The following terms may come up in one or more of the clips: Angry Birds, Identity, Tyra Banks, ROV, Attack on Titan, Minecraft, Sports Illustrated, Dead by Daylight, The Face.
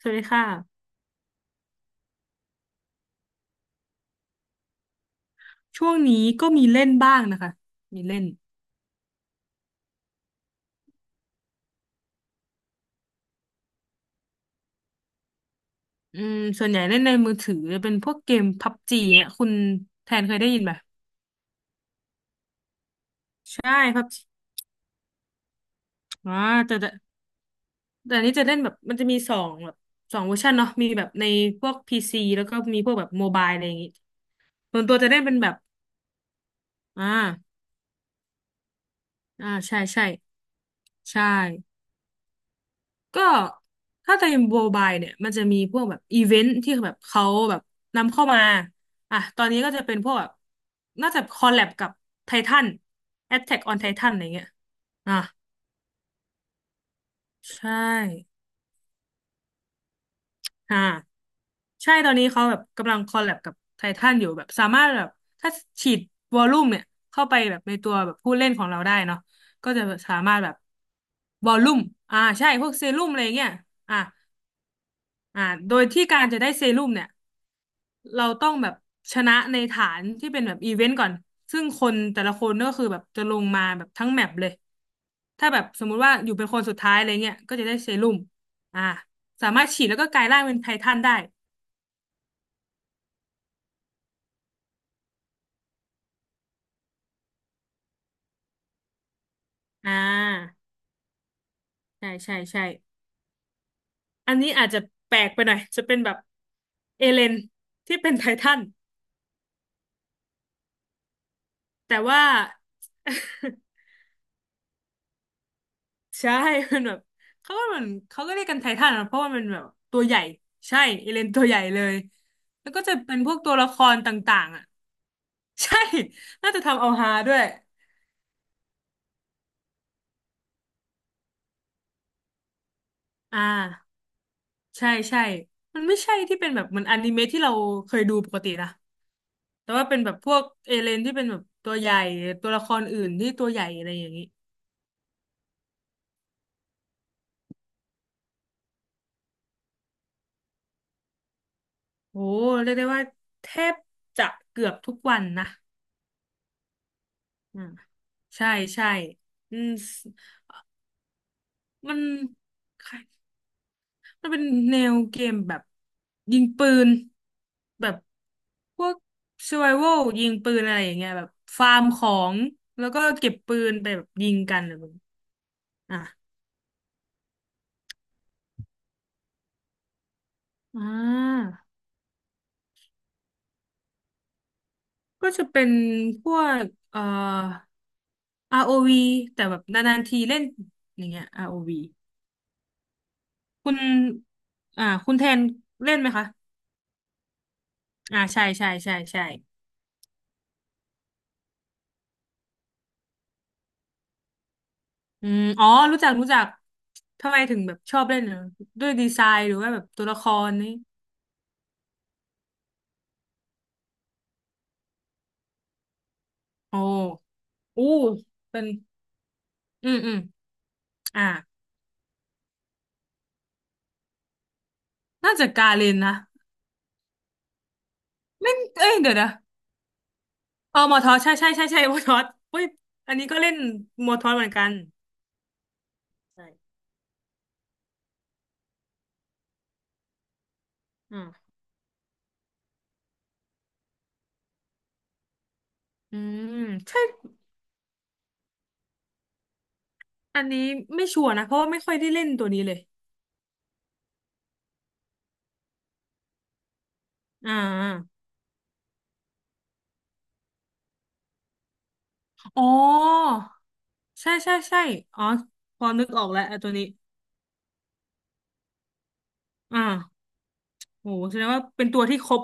สวัสดีค่ะ ช่วงนี้ก็มีเล่นบ้างนะคะ มีเล่นอืมส่วนใหญ่เล่นในมือถือเป็นพวกเกมพับจีเนี่ยคุณแทนเคยได้ยินไหมใช่พับจีอ๋อแต่แต่แต่อันนี้จะเล่นแบบมันจะมีสองแบบสองเวอร์ชันเนาะมีแบบในพวกพีซีแล้วก็มีพวกแบบโมบายอะไรอย่างงี้ส่วนตัวจะเล่นเป็นแบบอ่าอ่าใช่ใช่ใช่ ก็ถ้าในโบบายเนี่ยมันจะมีพวกแบบอีเวนต์ที่แบบเขาแบบนำเข้ามาอ่ะตอนนี้ก็จะเป็นพวกแบบน่าจะคอลแลบกับไททัน Attack on Titan อะไรเงี้ยอ่ะใช่อ่าใช่ตอนนี้เขาแบบกำลังคอลแลบกับไททันอยู่แบบสามารถแบบถ้าฉีดวอลลุ่มเนี่ยเข้าไปแบบในตัวแบบผู้เล่นของเราได้เนาะก็จะสามารถแบบวอลลุ่มอ่าใช่พวกเซรุ่มอะไรเงี้ยอ่ะอ่าโดยที่การจะได้เซรุ่มเนี่ย เราต้องแบบชนะในฐานที่เป็นแบบอีเวนต์ก่อนซึ่งคนแต่ละคนก็คือแบบจะลงมาแบบทั้งแมปเลยถ้าแบบสมมุติว่าอยู่เป็นคนสุดท้ายอะไรเงี้ยก็จะได้เซรุ่มอ่าสามารถฉีดแล้วก็กลายร่างเป็นไททันได้อ่าใช่ใช่ใช่อันนี้อาจจะแปลกไปหน่อยจะเป็นแบบเอเลนที่เป็นไททันแต่ว่า ใช่ มันแบบเขาก็เหมือนเขาก็เรียกกันไททันอะเพราะว่ามันแบบตัวใหญ่ใช่เอเลนตัวใหญ่เลยแล้วก็จะเป็นพวกตัวละครต่างๆอ่ะ ใช่ น่าจะทำเอาฮาด้วยอ่าใช่ใช่มันไม่ใช่ที่เป็นแบบเหมือนอนิเมะที่เราเคยดูปกตินะแต่ว่าเป็นแบบพวกเอเลนที่เป็นแบบตัวใหญ่ตัวละครอื่นที่ตัวใหญ่อะไรอย่างนี้โอ้เรียกได้ว่าแทบจะเกือบทุกวันนะอ่าใช่ใช่อืมมัน จะเป็นแนวเกมแบบยิงปืนแบบพวก survival ยิงปืนอะไรอย่างเงี้ยแบบฟาร์มของแล้วก็เก็บปืนไปแบบยิงกันอะไรแบบนี้อ่ะอ่าก็จะเป็นพวกเอ่อ ROV แต่แบบนานๆทีเล่นอย่างเงี้ย ROV คุณอ่าคุณแทนเล่นไหมคะอ่าใช่ใช่ใช่ใช่ อืมอ๋อรู้จักรู้จัก ทำไมถึงแบบชอบเล่นเหรอด้วยดีไซน์หรือว่าแบบตัวละครนี่โอ้อู้เป็น อืมอืมอ่าน่าจะกาเรนนะเล่นเอ้ยเดี๋ยวนะเออมอทอสใช่ใช่ใช่ใช่มอทอสเฮ้ยอันนี้ก็เล่นมอทอสเหมือนกันใช่อ่าอืมใช่ อันนี้ไม่ชัวร์นะเพราะว่าไม่ค่อยได้เล่นตัวนี้เลยอ่าอ๋อใช่ใช่ใช่อ๋อพอนึกออกแล้วไอ้ตัวนี้อ่าโหแสดงว่าเป็นตัวที่ครบ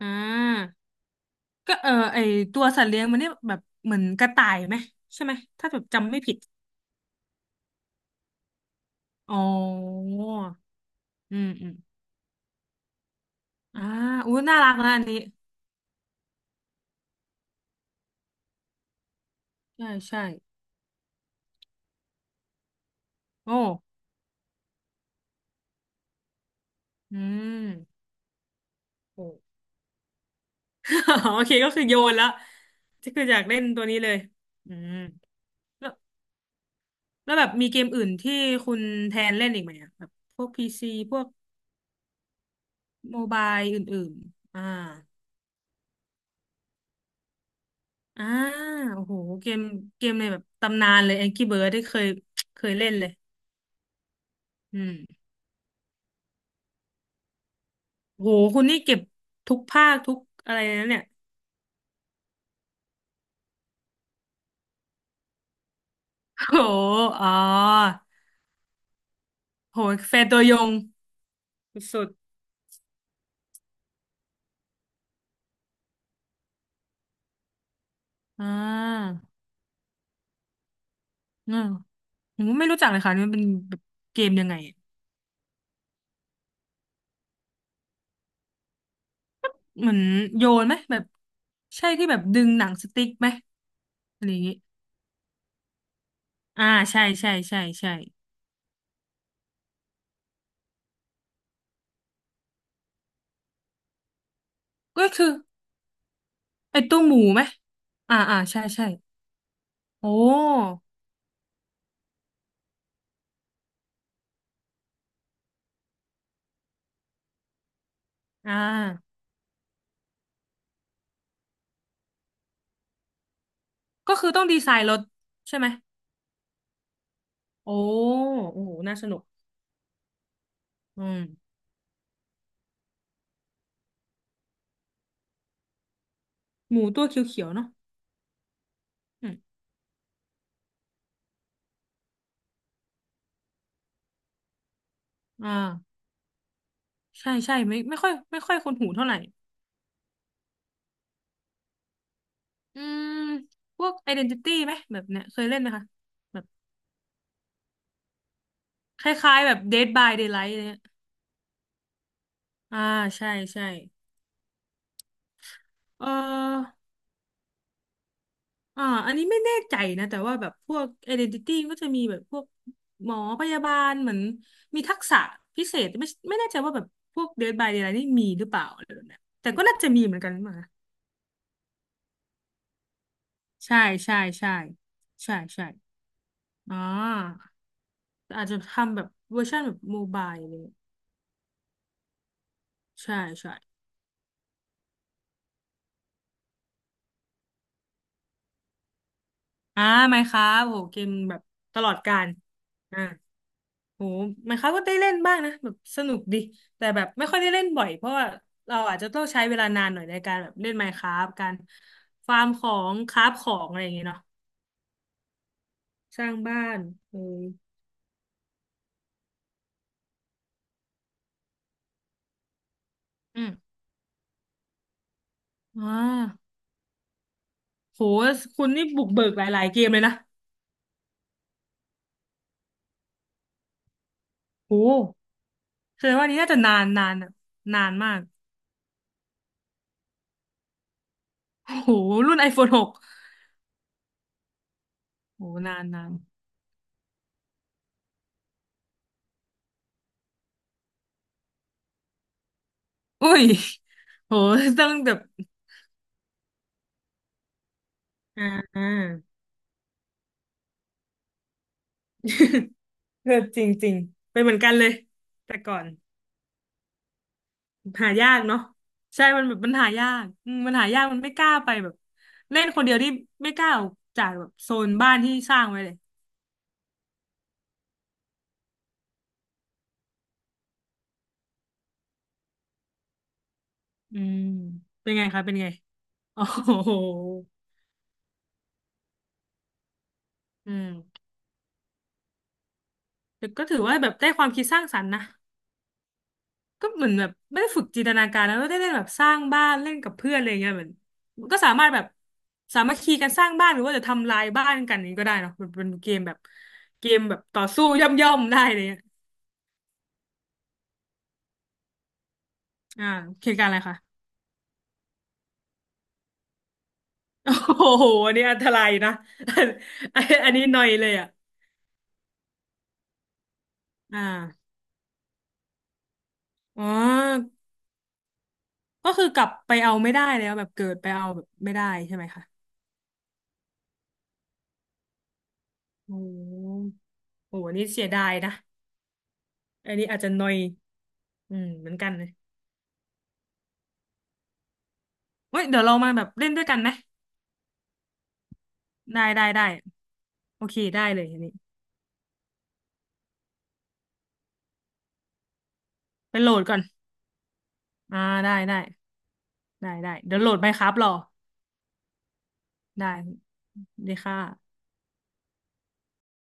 อ่าก็เออไอตัวสัตว์เลี้ยงมันเนี่ยแบบเหมือนกระต่ายไหมใช่ไหมถ้าแบบจำไม่ผิดอ๋ออืมอืมอ่าอู้น่ารักนะอันนี้ใช่ใช่โอ้อืมโอ้ โอเคก็คือโยนแล้วก็คืออยากเล่นตัวนี้เลยอืมแล้วแบบมีเกมอื่นที่คุณแทนเล่นอีกไหมอะแบบพวกพีซีพวกโมบายอื่นๆอ่า อ่าโอ้โหเกมเกมในแบบตำนานเลย Angry Birds ได้เคยเคยเล่นเลยอืมโหคุณนี่เก็บทุกภาคทุกอะไรนะเนี่ย โอ้โหอ๋อโหแฟนตัวยงสุดๆอ่าอืมผมไม่รู้จักเลยค่ะนี่มันเป็นแบบเกมยังไงเหมือนโยนไหมแบบใช่ที่แบบดึงหนังสติ๊กไหมอะไรอย่างงี้อ่าใช่ใช่ใช่ใช่ก็คือไอ้ตัวหมูไหมอ่าอ่าใช่ใช่โอ้อ่า ก็คือต้องดีไซน์รถใช่ไหมโอ้โอ้โหน่าสนุกอืมหมูตัวเขียวๆเนาะอืมอ่าใช่ใช่ไม่ค่อยคุ้นหูเท่าไหร่อืมพวก Identity ไหมแบบเนี้ยเคยเล่นไหมคะ แบบคล้ายๆแบบ Dead by Daylight อะไรเงี้ยอ่าใช่ใช่เออ อ่าอันนี้ไม่แน่ใจนะแต่ว่าแบบพวก identity ก็จะมีแบบพวกหมอพยาบาลเหมือนมีทักษะพิเศษไม่ไม่แน่ใจว่าแบบพวก Dead by Daylight นี่มีหรือเปล่าอะไรแบบเนี้ยแต่ก็น่าจะมีเหมือนกันมาใช่ใช่ใช่ใช่ใช่อ่าอาจจะทำแบบเวอร์ชันแบบโมบายเลยใช่ใช่อ่าไหมครับโหเกมแบบตลอดกาลอ่า โหหมายความว่าได้เล่นบ้างนะแบบสนุกดีแต่แบบไม่ค่อยได้เล่นบ่อยเพราะว่าเราอาจจะต้องใช้เวลานานหน่อยในการแบบเล่น Minecraft การฟาร์มของคราฟของอะไรอย่างเงี้ยเนาะสร้างบ้านเอออืมอ่าโหคุณนี่บุกเบิกหลายๆเกมเลยนะโหแสดงว่านี้น่าจะนานนานอะนานมากโหรุ่น iPhone 6โฟนหกโหนานนานอุ้ยโหต้องแบบอ่า เออจริงจริงเป็นเหมือนกันเลยแต่ก่อน หายากเนาะใช่มันแบบมันหายากอืมมันหายากมันไม่กล้าไปแบบเล่นคนเดียวที่ไม่กล้าออกจากแบบโซนบ้านที่สร้างไว้เลยอืมเป็นไงคะเป็นไงโอ้โหอืมแต่ก็ถือว่าแบบได้ความคิดสร้างสรรค์นะก็เหมือนแบบไม่ได้ฝึกจินตนาการแล้วได้เล่นแบบสร้างบ้านเล่นกับเพื่อนอะไรเงี้ยเหมือนก็สามารถแบบสามัคคีกันสร้างบ้านหรือว่าจะทำลายบ้านกันนี้ก็ได้เนาะมันเป็นเกมแบบต่อสู้ย่อมๆได้เลยอ่ะอ่าเหตุการณ์อะไรคะ โอ้โหอันนี้อันตรายนะ อันอันนี้หน่อยเลยอ่ะอ่าอ๋อก็คือกลับไปเอาไม่ได้แล้วแบบเกิดไปเอาแบบไม่ได้ใช่ไหมคะโอ้โหอันนี้เสียดายนะอันนี้อาจจะหน่อยอืมเหมือนกันเลยเฮ้ยเดี๋ยวเรามาแบบเล่นด้วยกันไหมได้ได้ได้โอเคได้เลยอันนี้ไปโหลดก่อนอ่าได้ได้ได้ได้เดี๋ยวโหลดไมน์คราฟรอได้ดีค่ะ